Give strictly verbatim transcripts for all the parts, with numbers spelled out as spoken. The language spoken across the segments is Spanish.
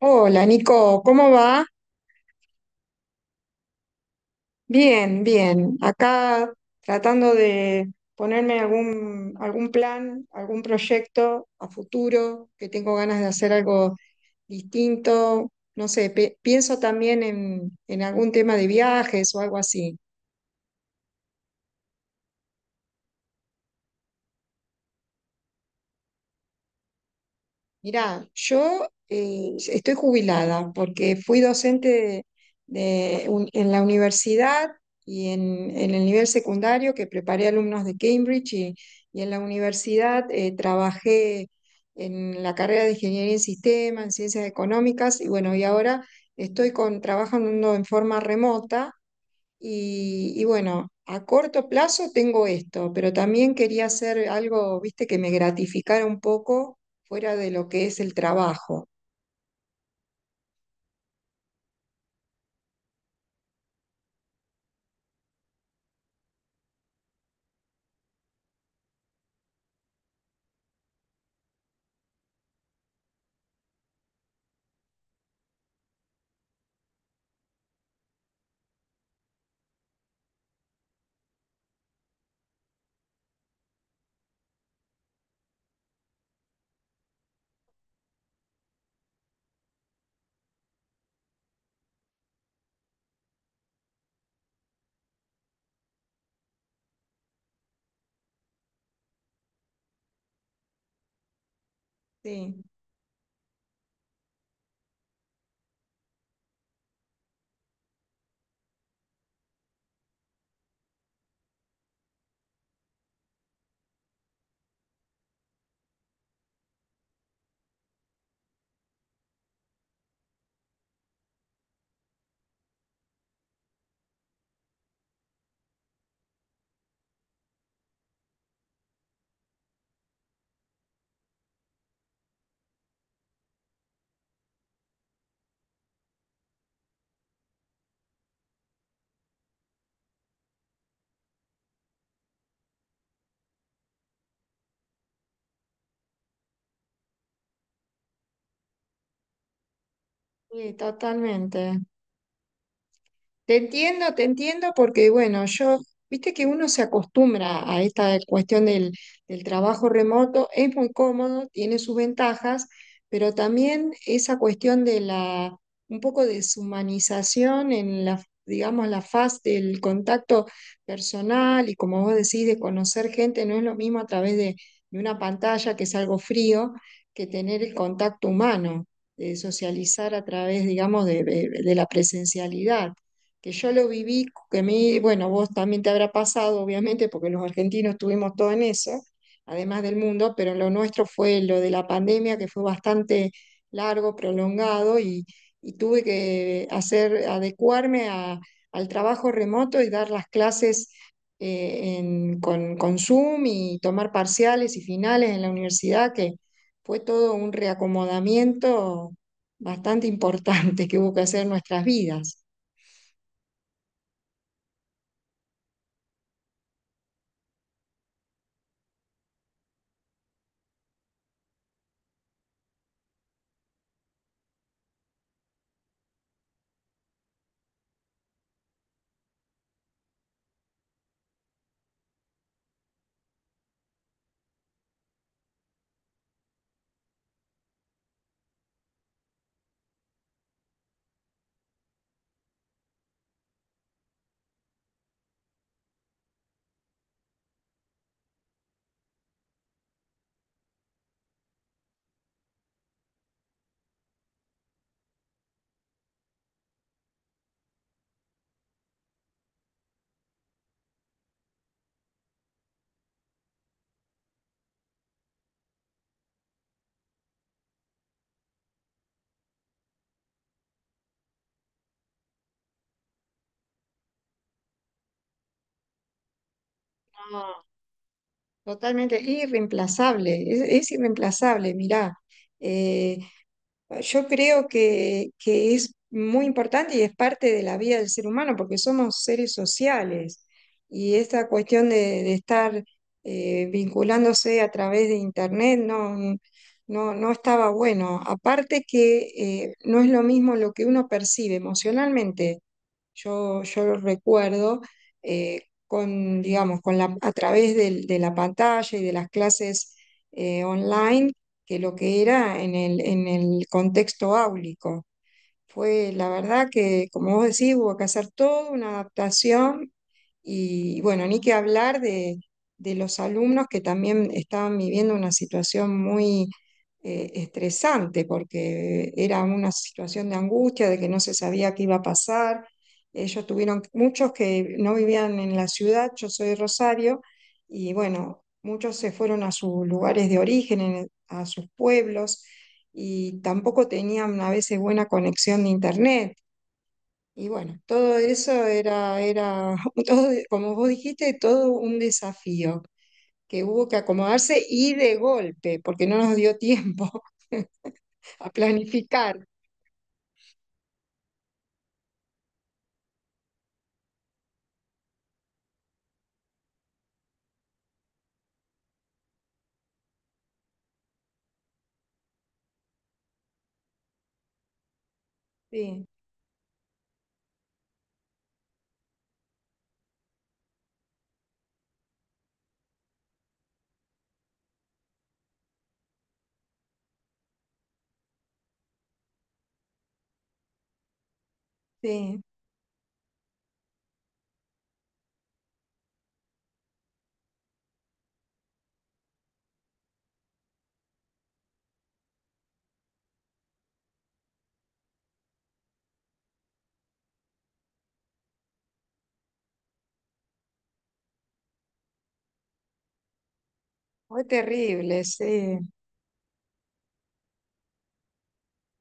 Hola Nico, ¿cómo va? Bien, bien. Acá tratando de ponerme algún, algún plan, algún proyecto a futuro, que tengo ganas de hacer algo distinto. No sé, pe- pienso también en, en algún tema de viajes o algo así. Mirá, yo eh, estoy jubilada porque fui docente de- de un- en la universidad y en, en el nivel secundario que preparé alumnos de Cambridge y, y en la universidad eh, trabajé en la carrera de Ingeniería en Sistemas, en Ciencias Económicas y bueno, y ahora estoy con, trabajando en forma remota y, y bueno, a corto plazo tengo esto, pero también quería hacer algo, viste, que me gratificara un poco fuera de lo que es el trabajo. Sí, sí, totalmente. Te entiendo, te entiendo, porque bueno, yo, viste que uno se acostumbra a esta cuestión del, del trabajo remoto, es muy cómodo, tiene sus ventajas, pero también esa cuestión de la, un poco deshumanización en la, digamos, la faz del contacto personal y como vos decís, de conocer gente, no es lo mismo a través de, de una pantalla, que es algo frío, que tener el contacto humano, de socializar a través, digamos, de de- de la presencialidad que yo lo viví, que a mí, bueno, vos también te habrá pasado, obviamente, porque los argentinos estuvimos todo en eso, además del mundo, pero lo nuestro fue lo de la pandemia, que fue bastante largo, prolongado, y, y tuve que hacer, adecuarme a- al trabajo remoto y dar las clases eh, en- con, con Zoom y tomar parciales y finales en la universidad, que fue todo un reacomodamiento bastante importante que hubo que hacer en nuestras vidas. Totalmente irreemplazable, es, es irreemplazable, mirá. Eh, yo creo que, que es muy importante y es parte de la vida del ser humano porque somos seres sociales y esta cuestión de, de estar eh, vinculándose a través de internet no, no, no estaba bueno. Aparte que eh, no es lo mismo lo que uno percibe emocionalmente yo, yo lo recuerdo, eh, con, digamos, con la, a través del- de, la pantalla y de las clases eh, online, que lo que era en el, en el contexto áulico. Fue la verdad que, como vos decís, hubo que hacer toda una adaptación y bueno, ni que hablar de, de los alumnos que también estaban viviendo una situación muy eh, estresante porque era una situación de angustia, de que no se sabía qué iba a pasar. Ellos tuvieron, muchos que no vivían en la ciudad, yo soy de Rosario, y bueno, muchos se fueron a sus lugares de origen, en- a sus pueblos y tampoco tenían a veces buena conexión de internet. Y bueno, todo eso era, era todo, como vos dijiste, todo un desafío que hubo que acomodarse y de golpe, porque no nos dio tiempo a planificar. Sí, sí, fue terrible, sí.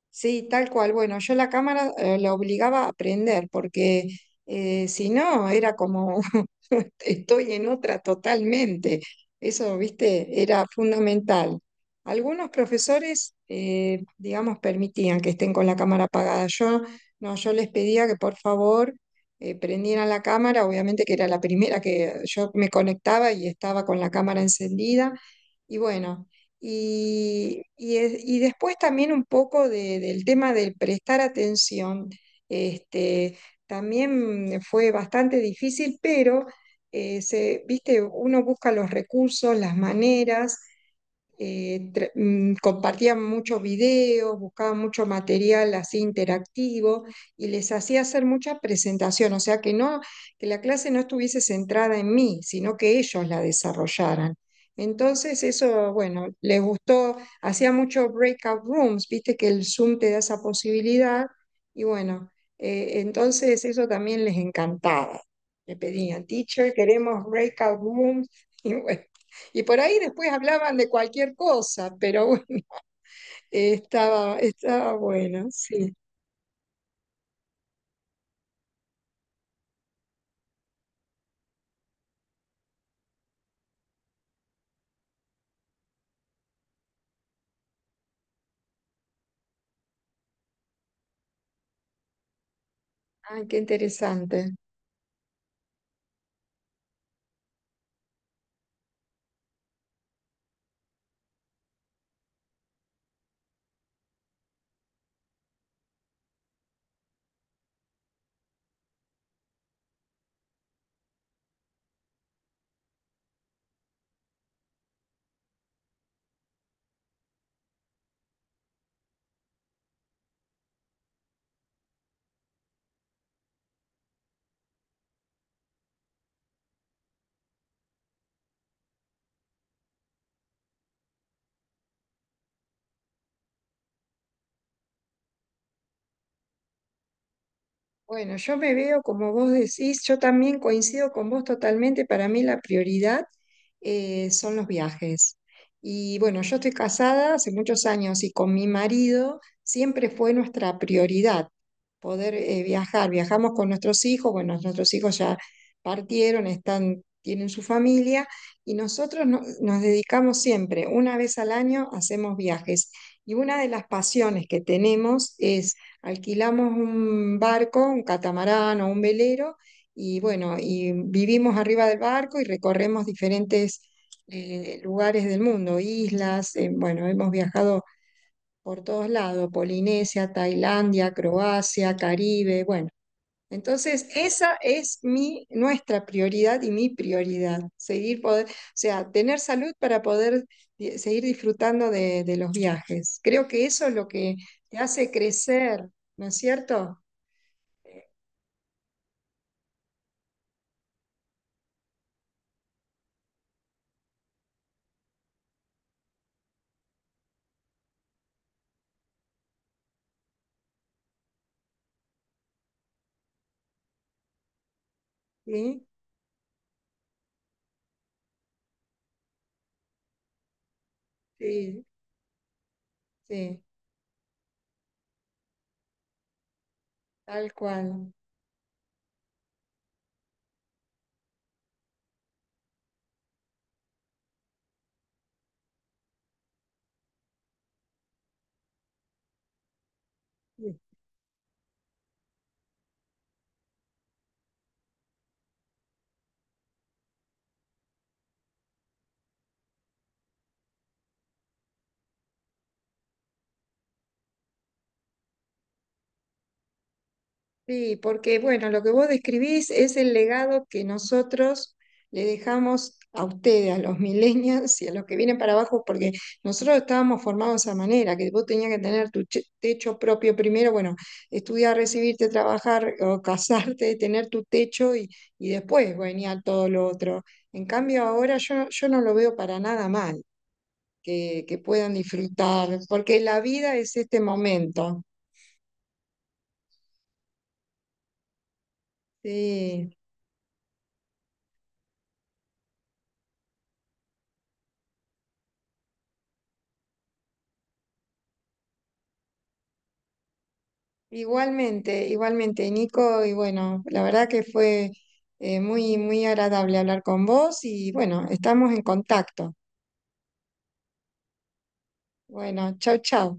Sí, tal cual. Bueno, yo la cámara eh, la obligaba a aprender porque eh, si no era como estoy en otra totalmente. Eso, viste, era fundamental. Algunos profesores, eh, digamos, permitían que estén con la cámara apagada. Yo no, yo les pedía que por favor eh, prendieran la cámara. Obviamente que era la primera que yo me conectaba y estaba con la cámara encendida. Y bueno. Y, y es- y después también un poco de- del tema del prestar atención. Este, también fue bastante difícil, pero eh, se, viste, uno busca los recursos, las maneras, eh, tra- mm, compartían muchos videos, buscaban mucho material así interactivo y les hacía hacer mucha presentación, o sea que no, que la clase no estuviese centrada en mí, sino que ellos la desarrollaran. Entonces eso, bueno, les gustó, hacía mucho breakout rooms, viste que el Zoom te da esa posibilidad y bueno, eh, entonces eso también les encantaba. Le pedían, teacher, queremos breakout rooms y bueno. Y por ahí después hablaban de cualquier cosa, pero bueno, estaba, estaba bueno, sí. Ah, qué interesante. Bueno, yo me veo como vos decís, yo también coincido con vos totalmente, para mí la prioridad eh, son los viajes. Y bueno, yo estoy casada hace muchos años y con mi marido siempre fue nuestra prioridad poder eh, viajar. Viajamos con nuestros hijos, bueno, nuestros hijos ya partieron, están, tienen su familia y nosotros no- nos dedicamos siempre, una vez al año hacemos viajes. Y una de las pasiones que tenemos alquilamos un barco, un catamarán o un velero, y bueno, y vivimos arriba del barco y recorremos diferentes eh, lugares del mundo, islas, eh, bueno, hemos viajado por todos lados, Polinesia, Tailandia, Croacia, Caribe, bueno, entonces, esa es mi, nuestra prioridad y mi prioridad, seguir poder, o sea, tener salud para poder di- seguir disfrutando de, de los viajes. Creo que eso es lo que te hace crecer, ¿no es cierto? Sí, sí, sí, tal cual. Sí, porque bueno, lo que vos describís es el legado que nosotros le dejamos a ustedes, a los millennials y a los que vienen para abajo, porque nosotros estábamos formados de esa manera, que vos tenías que tener tu che- techo propio primero, bueno, estudiar, recibirte, trabajar o casarte, tener tu techo y, y después venía todo lo otro. En cambio, ahora yo, yo no lo veo para nada mal, que, que puedan disfrutar, porque la vida es este momento. Sí. Igualmente, igualmente, Nico, y bueno, la verdad que fue eh, muy, muy agradable hablar con vos y bueno, estamos en contacto. Bueno, chau, chau.